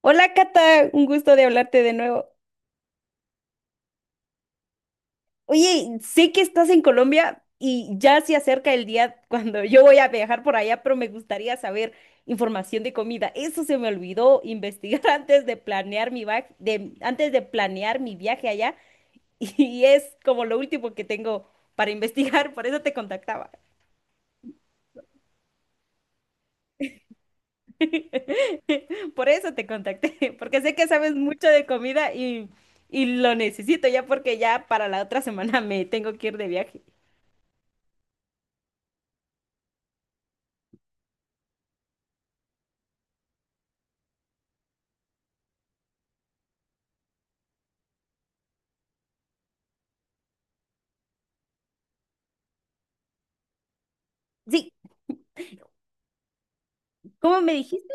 Hola Cata, un gusto de hablarte de nuevo. Oye, sé que estás en Colombia y ya se acerca el día cuando yo voy a viajar por allá, pero me gustaría saber información de comida. Eso se me olvidó investigar antes de planear antes de planear mi viaje allá y es como lo último que tengo para investigar, por eso te contactaba. Por eso te contacté, porque sé que sabes mucho de comida y lo necesito ya porque ya para la otra semana me tengo que ir de viaje. Sí. ¿Cómo me dijiste?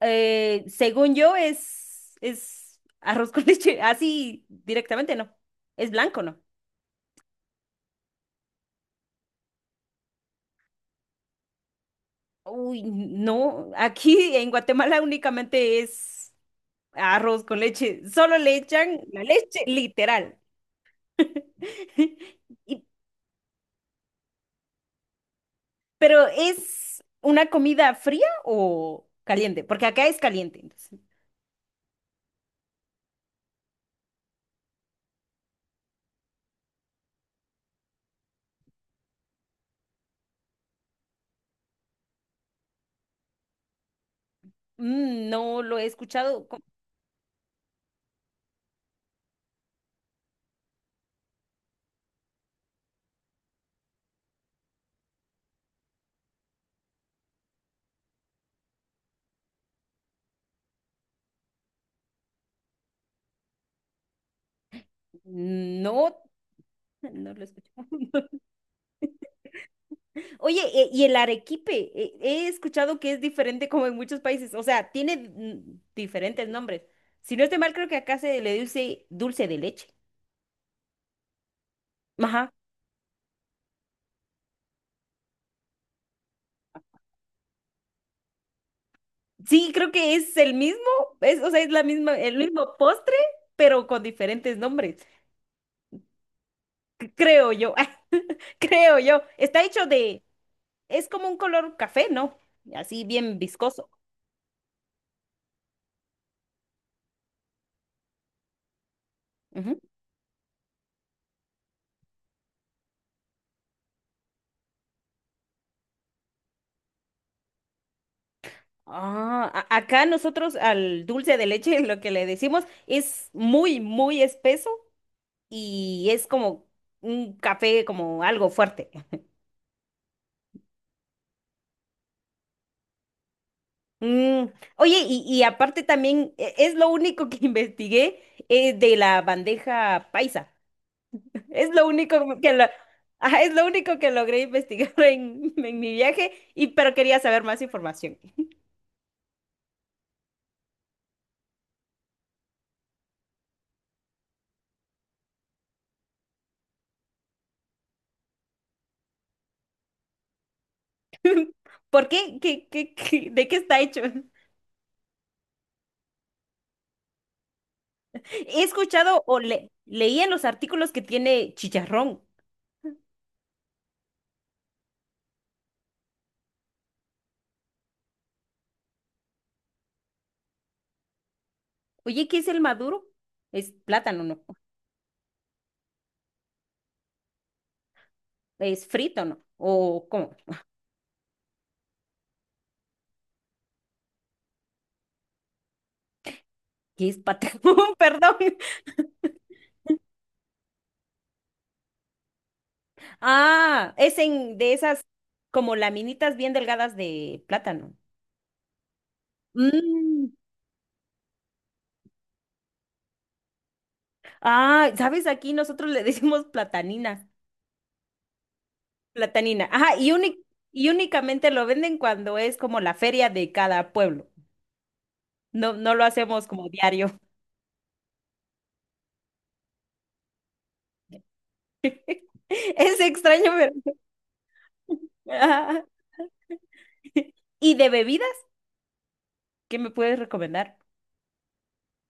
Según yo es arroz con leche, así directamente, ¿no? Es blanco, ¿no? Uy, no, aquí en Guatemala únicamente es arroz con leche, solo le echan la leche literal. Y- pero ¿es una comida fría o caliente? Porque acá es caliente, entonces. Mm. No lo he escuchado. No, no lo he escuchado. Oye, y el arequipe, he escuchado que es diferente como en muchos países, o sea, tiene diferentes nombres. Si no estoy mal, creo que acá se le dice dulce de leche. Ajá. Sí, creo que es el mismo, es, o sea, es la misma, el mismo postre, pero con diferentes nombres. Creo yo, creo yo. Está hecho de, es como un color café, ¿no? Así bien viscoso. Ah, acá nosotros al dulce de leche lo que le decimos es muy, muy espeso y es como un café, como algo fuerte. Mm. Oye, y aparte también es lo único que investigué de la bandeja paisa. Es lo único que lo- Ajá, es lo único que logré investigar en mi viaje, y pero quería saber más información. ¿Por qué? ¿Qué de qué está hecho? He escuchado leí en los artículos que tiene chicharrón. Oye, ¿qué es el maduro? ¿Es plátano, no? ¿Es frito, no? ¿O cómo? ¿Qué es patacón? Perdón. Ah, es en de esas como laminitas bien delgadas de plátano. Mm. Ah, ¿sabes? Aquí nosotros le decimos platanina. Platanina. Ajá, y únicamente lo venden cuando es como la feria de cada pueblo. No, no lo hacemos como diario. Es extraño, pero ajá. ¿Y de bebidas? ¿Qué me puedes recomendar?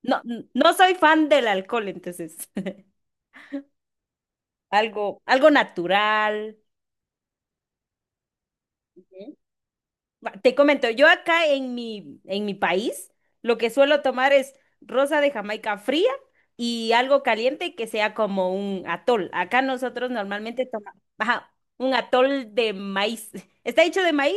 No, no soy fan del alcohol, entonces, algo natural. Va. Te comento, yo acá en mi país lo que suelo tomar es rosa de Jamaica fría y algo caliente que sea como un atol. Acá nosotros normalmente tomamos, ajá, un atol de maíz. Está hecho de maíz,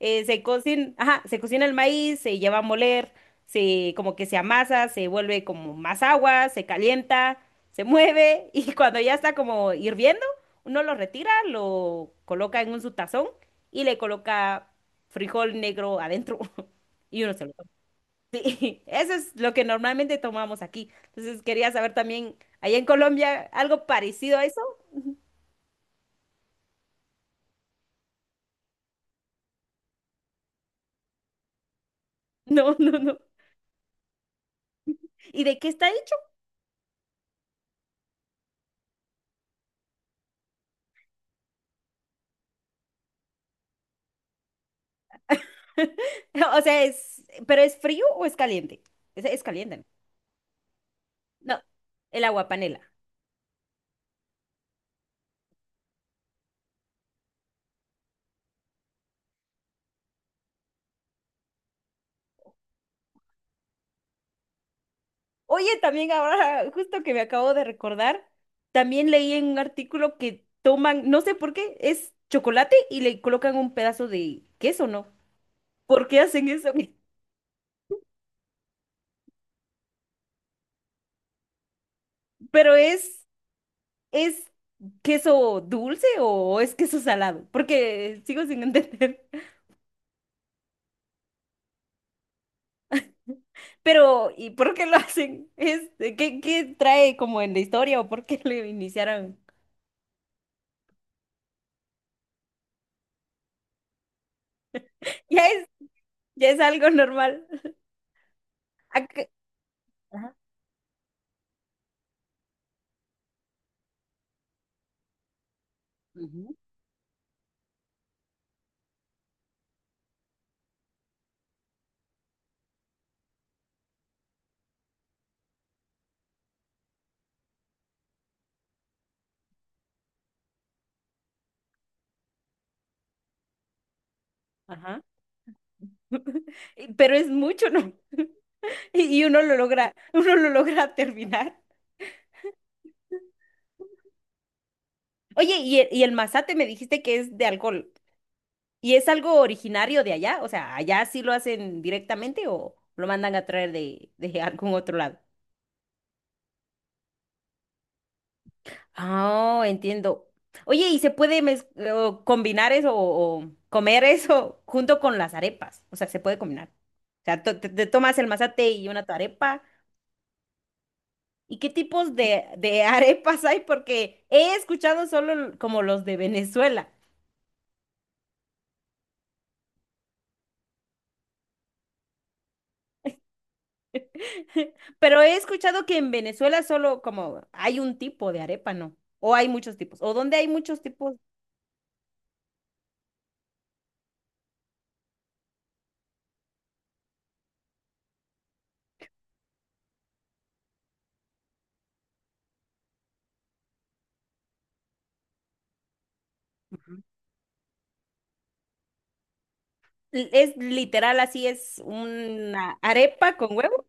se cocina, ajá, se cocina el maíz, se lleva a moler, se como que se amasa, se vuelve como más agua, se calienta, se mueve y cuando ya está como hirviendo, uno lo retira, lo coloca en un su tazón y le coloca frijol negro adentro y uno se lo toma. Sí, eso es lo que normalmente tomamos aquí. Entonces quería saber también, ¿allá en Colombia algo parecido a eso? No, no, no. ¿Y de qué está hecho? O sea, es, ¿pero es frío o es caliente? Es caliente, ¿no? No, el agua panela. Oye, también ahora, justo que me acabo de recordar, también leí en un artículo que toman, no sé por qué, es chocolate y le colocan un pedazo de queso, ¿no? ¿Por qué hacen eso? Pero es, ¿es queso dulce o es queso salado? Porque sigo sin entender. Pero, ¿y por qué lo hacen? Es, ¿qué, qué trae como en la historia o por qué lo iniciaron? Ya es, ya es algo normal. Ac- Ajá. Ujú. Ajá. Pero es mucho, ¿no? Y uno lo logra, uno lo logra terminar. Oye, y el masate me dijiste que es de alcohol. ¿Y es algo originario de allá? O sea, ¿allá sí lo hacen directamente o lo mandan a traer de algún otro lado? Oh, entiendo. Oye, ¿y se puede o combinar eso o comer eso junto con las arepas? O sea, se puede combinar. O sea, te tomas el mazate y una tu arepa. ¿Y qué tipos de arepas hay? Porque he escuchado como los de Venezuela. Pero he escuchado que en Venezuela solo como hay un tipo de arepa, ¿no? O hay muchos tipos. O donde hay muchos tipos. Ujú. Es literal así, es una arepa con huevo.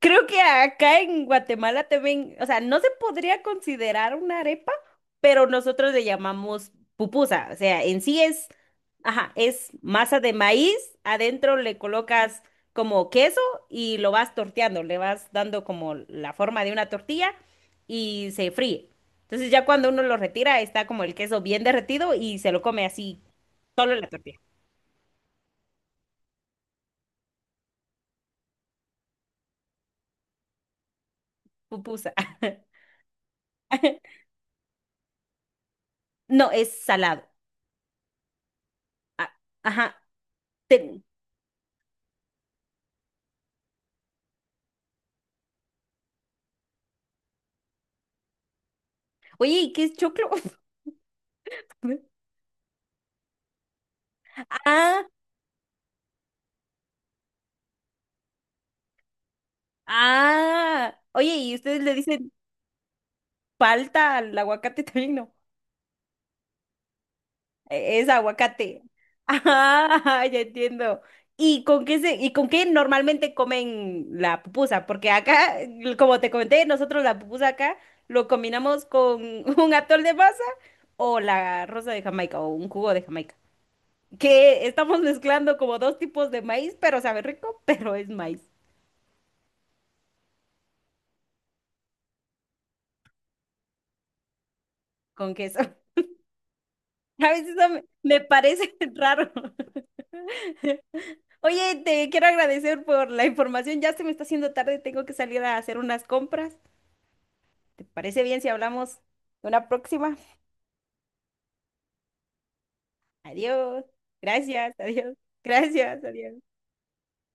Creo que acá en Guatemala también, o sea, no se podría considerar una arepa, pero nosotros le llamamos pupusa. O sea, en sí es, ajá, es masa de maíz, adentro le colocas como queso y lo vas torteando, le vas dando como la forma de una tortilla y se fríe. Entonces ya cuando uno lo retira, está como el queso bien derretido y se lo come así, solo la tortilla. Pupusa. No, es salado. Ah, ajá. Te- Oye, ¿y qué es choclo? Ah, ah. Oye, ¿y ustedes le dicen palta al aguacate también? No. Es aguacate. Ah, ya entiendo. ¿Y con qué y con qué normalmente comen la pupusa? Porque acá, como te comenté, nosotros la pupusa acá lo combinamos con un atol de masa o la rosa de Jamaica o un jugo de Jamaica. Que estamos mezclando como dos tipos de maíz, pero sabe rico, pero es maíz con queso. A veces no me parece raro. Oye, te quiero agradecer por la información. Ya se me está haciendo tarde, tengo que salir a hacer unas compras. ¿Te parece bien si hablamos de una próxima? Adiós. Gracias, adiós. Gracias, adiós.